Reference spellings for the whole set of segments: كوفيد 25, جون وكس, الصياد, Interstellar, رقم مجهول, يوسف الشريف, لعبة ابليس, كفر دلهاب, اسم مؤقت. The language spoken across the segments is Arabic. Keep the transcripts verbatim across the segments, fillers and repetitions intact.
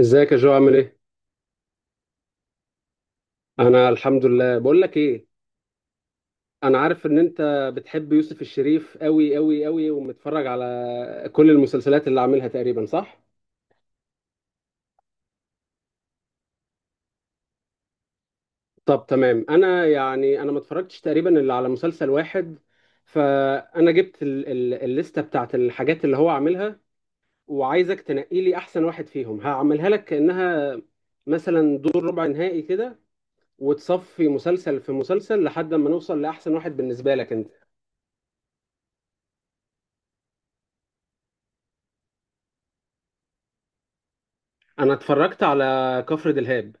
ازيك يا جو، عامل ايه؟ انا الحمد لله. بقول لك ايه، انا عارف ان انت بتحب يوسف الشريف قوي قوي قوي ومتفرج على كل المسلسلات اللي عاملها تقريبا، صح؟ طب تمام. انا يعني انا ما اتفرجتش تقريبا الا على مسلسل واحد. فانا جبت ال ال الليسته بتاعت الحاجات اللي هو عاملها، وعايزك تنقي لي احسن واحد فيهم. هعملها لك كانها مثلا دور ربع نهائي كده، وتصفي مسلسل في مسلسل لحد ما نوصل لاحسن واحد بالنسبه لك انت. انا اتفرجت على كفر دلهاب.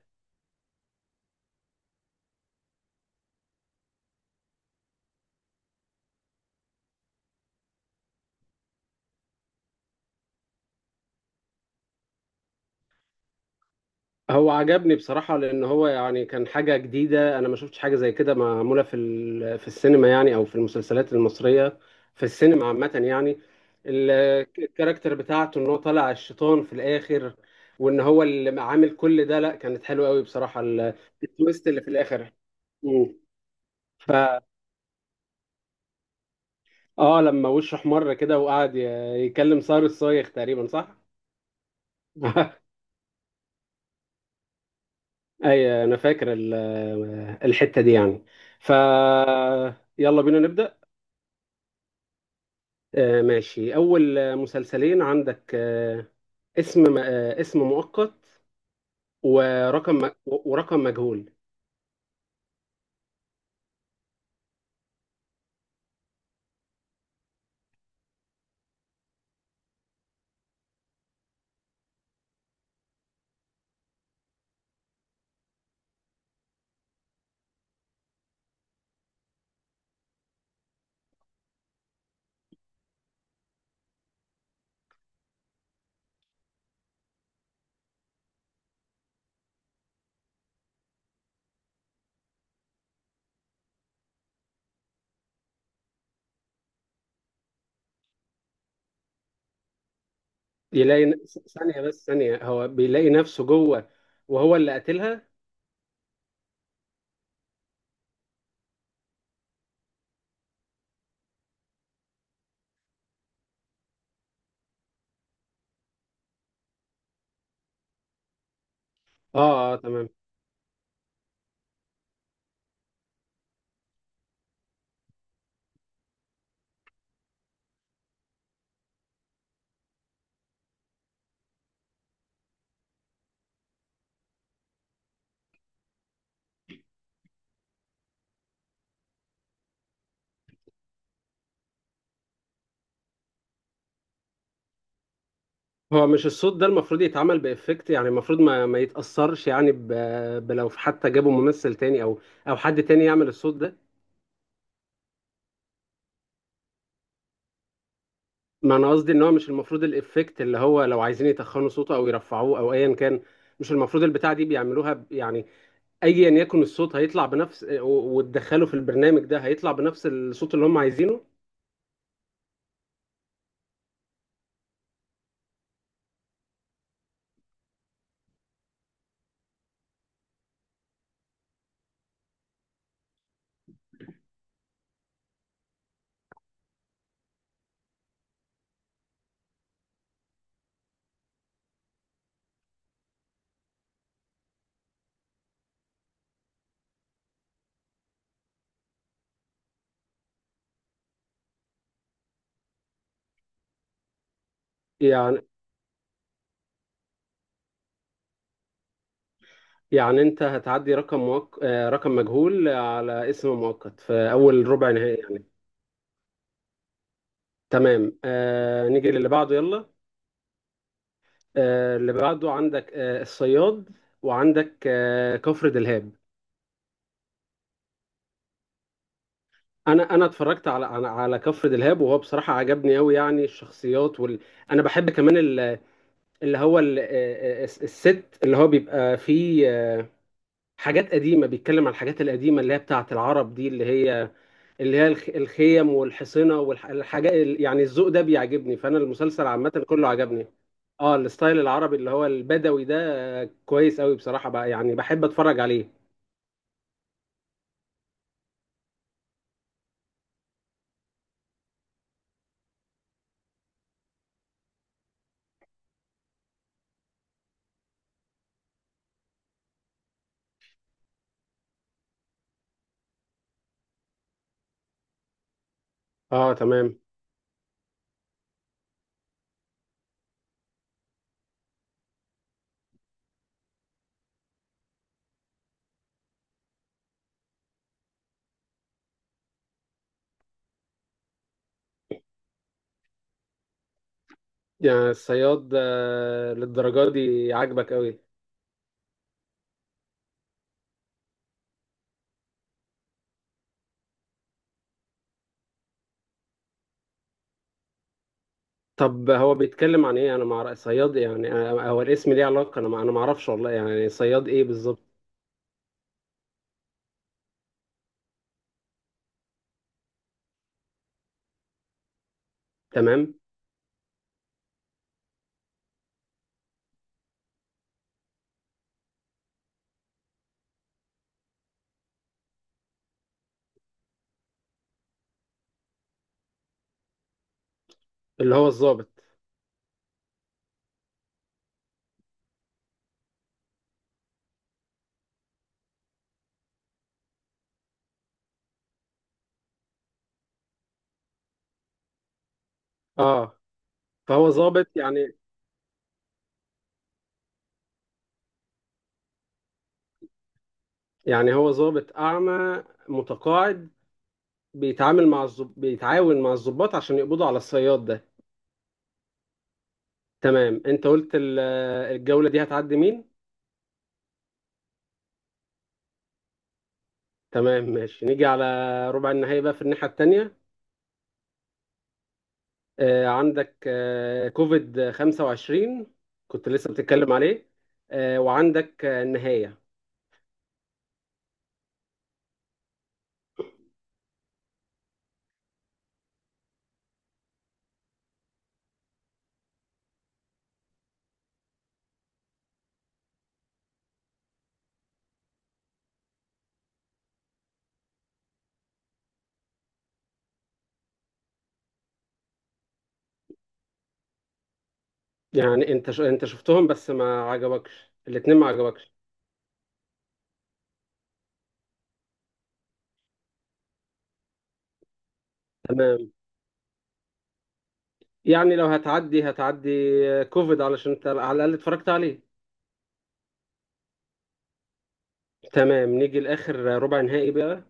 هو عجبني بصراحة، لان هو يعني كان حاجة جديدة، انا ما شفتش حاجة زي كده معمولة في ال- في السينما، يعني او في المسلسلات المصرية. في السينما عامة يعني. ال- الكاركتر بتاعته ان هو طالع الشيطان في الاخر، وان هو اللي عامل كل ده، لا كانت حلوة قوي بصراحة. ال- التويست اللي في الاخر. مم. ف اه، لما وشه احمر كده وقعد ي- يكلم صار الصايغ تقريبا، صح؟ اي، انا فاكر ال- الحتة دي يعني. ف يلا بينا نبدأ. آه، ماشي. اول آه، مسلسلين عندك، آه، اسم م- آه، اسم مؤقت، ورقم م- ورقم مجهول. يلاقي ن- ث- ثانية، بس ثانية هو بيلاقي نفسه جوه وهو اللي قتلها. اه اه، تمام. هو مش الصوت ده المفروض يتعمل بإفكت، يعني المفروض ما ما يتأثرش، يعني ب... بلو حتى جابوا ممثل تاني، او او حد تاني يعمل الصوت ده. ما انا قصدي ان هو مش المفروض الافكت اللي هو لو عايزين يتخنوا صوته او يرفعوه او ايا كان، مش المفروض البتاع دي بيعملوها ب- يعني ايا يكن الصوت هيطلع بنفس، و- وتدخله في البرنامج ده هيطلع بنفس الصوت اللي هم عايزينه، يعني يعني. انت هتعدي رقم موك... آه، رقم مجهول على اسم مؤقت في اول ربع نهائي يعني. تمام. آه نيجي للي بعده، يلا. آه اللي بعده عندك آه الصياد، وعندك آه كفر دلهاب. انا انا اتفرجت على على على كفر دلهاب، وهو بصراحه عجبني قوي. يعني الشخصيات وال... انا بحب كمان ال- اللي هو ال... الس- الست اللي هو بيبقى فيه حاجات قديمه، بيتكلم عن الحاجات القديمه اللي هي بتاعه العرب دي، اللي هي اللي هي الخ... الخيم والحصنه والحاجات. يعني الذوق ده بيعجبني، فانا المسلسل عامه كله عجبني. اه الستايل العربي اللي هو البدوي ده، آه، كويس قوي بصراحه بقى، يعني بحب اتفرج عليه. اه، تمام. يعني الصياد آه، للدرجه دي عاجبك قوي؟ طب هو بيتكلم عن ايه؟ انا مع رأي صياد يعني، آه، آه، هو الاسم ليه علاقة؟ انا ما انا ما اعرفش والله، يعني صياد ايه بالظبط؟ تمام، اللي هو الضابط. اه، فهو ضابط يعني، يعني هو ضابط اعمى متقاعد، بيتعامل مع الضب... بيتعاون مع الضباط عشان يقبضوا على الصياد ده. تمام. انت قلت ال- الجولة دي هتعدي مين؟ تمام ماشي. نيجي على ربع النهائي بقى في الناحية التانية. آه عندك آه كوفيد خمسة وعشرين. كنت لسه بتتكلم عليه. آه، وعندك آه، النهاية. يعني انت ش... انت شفتهم بس ما عجبكش الاتنين، ما عجبكش. تمام. يعني لو هتعدي هتعدي كوفيد علشان انت على الاقل اتفرجت عليه. تمام نيجي لاخر ربع نهائي بقى.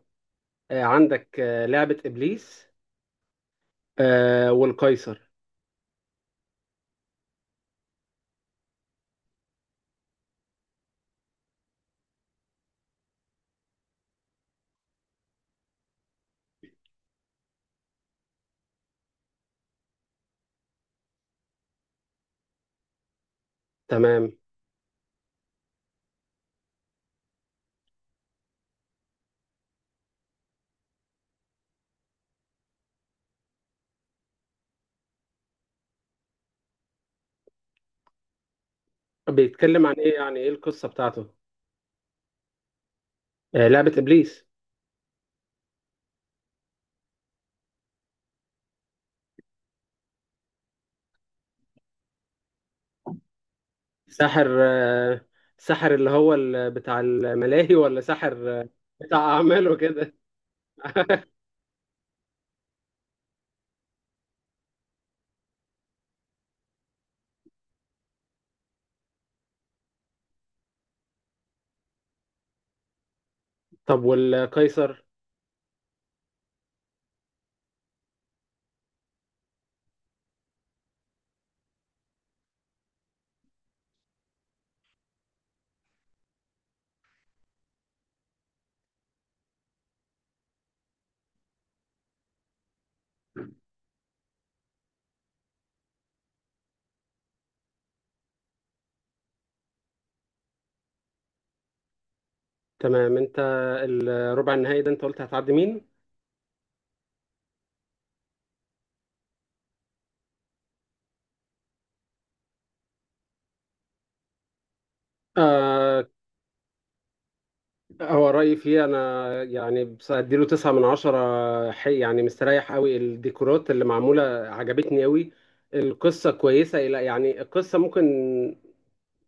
آه، عندك آه، لعبة ابليس آه، والقيصر. تمام، بيتكلم عن ايه؟ يعني ايه القصة بتاعته؟ آه، لعبة ابليس. ساحر آه، ساحر اللي هو ال- بتاع الملاهي، ولا ساحر آه، بتاع اعمال وكده؟ طب والقيصر. تمام. انت الربع النهائي ده انت قلت هتعدي مين؟ آه هو رأيي فيه أنا، يعني بس أديله تسعة من عشرة، حي يعني، مستريح قوي. الديكورات اللي معمولة عجبتني قوي. القصة كويسة، إلى يعني القصة ممكن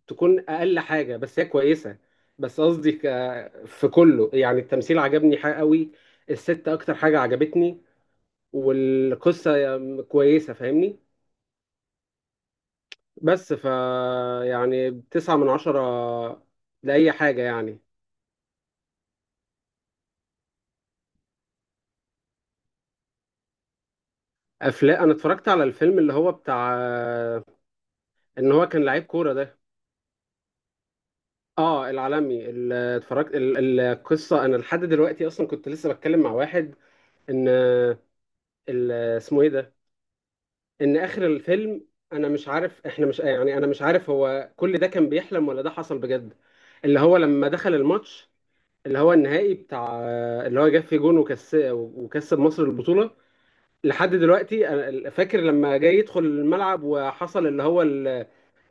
تكون أقل حاجة، بس هي كويسة. بس قصدي ك- في كله، يعني التمثيل عجبني حاجة قوي. الست أكتر حاجة عجبتني، والقصة كويسة، فاهمني؟ بس ف يعني تسعة من عشرة لأي حاجة يعني. افلام، انا اتفرجت على الفيلم اللي هو بتاع ان هو كان لعيب كوره ده. اه العالمي. ال- اتفرجت ال- القصه. انا لحد دلوقتي اصلا كنت لسه بتكلم مع واحد، ان ال- اسمه ايه ده، ان اخر الفيلم انا مش عارف، احنا مش يعني انا مش عارف هو كل ده كان بيحلم ولا ده حصل بجد. اللي هو لما دخل الماتش، اللي هو النهائي بتاع، اللي هو جاب فيه جون وكس وكسب مصر البطوله. لحد دلوقتي أنا فاكر، لما جاي يدخل الملعب وحصل اللي هو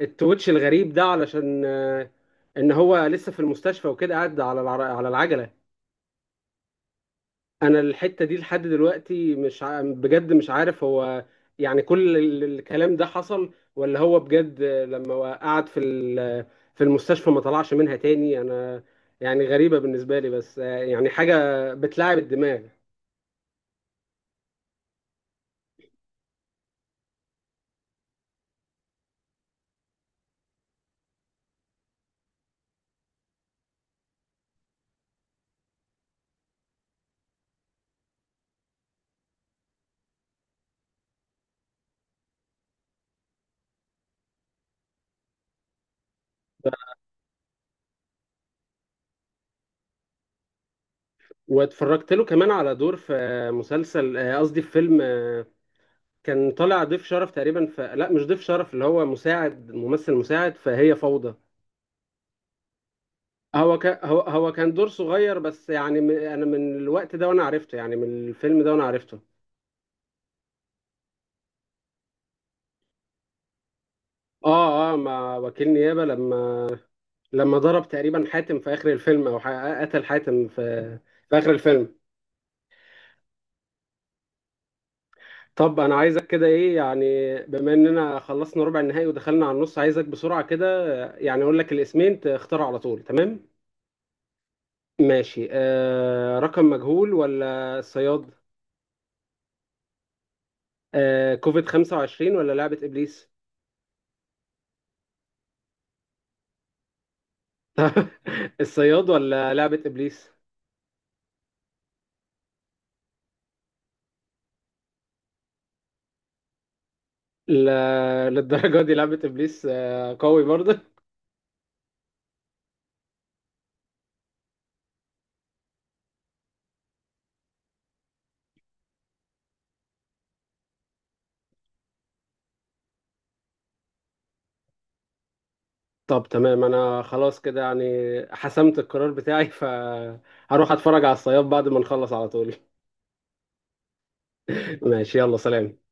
التويتش الغريب ده، علشان آه، ان هو لسه في المستشفى وكده قاعد على العر- على العجله. انا الحته دي لحد دلوقتي مش ع... بجد مش عارف هو يعني كل ال- الكلام ده حصل، ولا هو بجد آه، لما هو قعد في ال... في المستشفى ما طلعش منها تاني. انا يعني غريبه بالنسبه لي بس، آه، يعني حاجه بتلعب الدماغ. واتفرجت له كمان على دور في آه، مسلسل، آه، قصدي في فيلم، آه، كان طالع ضيف شرف تقريبا، ف... لا مش ضيف شرف، اللي هو مساعد ممثل مساعد فهي فوضى. هو ك... هو هو كان دور صغير، بس يعني م... انا من الوقت ده وانا عرفته، يعني من الفيلم ده وانا عرفته. اه اه، مع وكيل نيابة، لما لما ضرب تقريبا حاتم في اخر الفيلم، او ح... قتل حاتم في في اخر الفيلم. طب انا عايزك كده ايه، يعني بما اننا خلصنا ربع النهائي ودخلنا على النص، عايزك بسرعة كده، يعني اقول لك الاسمين تختاروا على طول. تمام ماشي. آه رقم مجهول ولا الصياد؟ آه كوفيد خمسة وعشرين ولا لعبة إبليس؟ الصياد ولا لعبة إبليس؟ لا للدرجة دي لعبة إبليس آه قوي برضه. طب تمام. أنا خلاص كده يعني حسمت القرار بتاعي، فهروح أتفرج على الصياد بعد ما نخلص على طول. ماشي يلا سلام.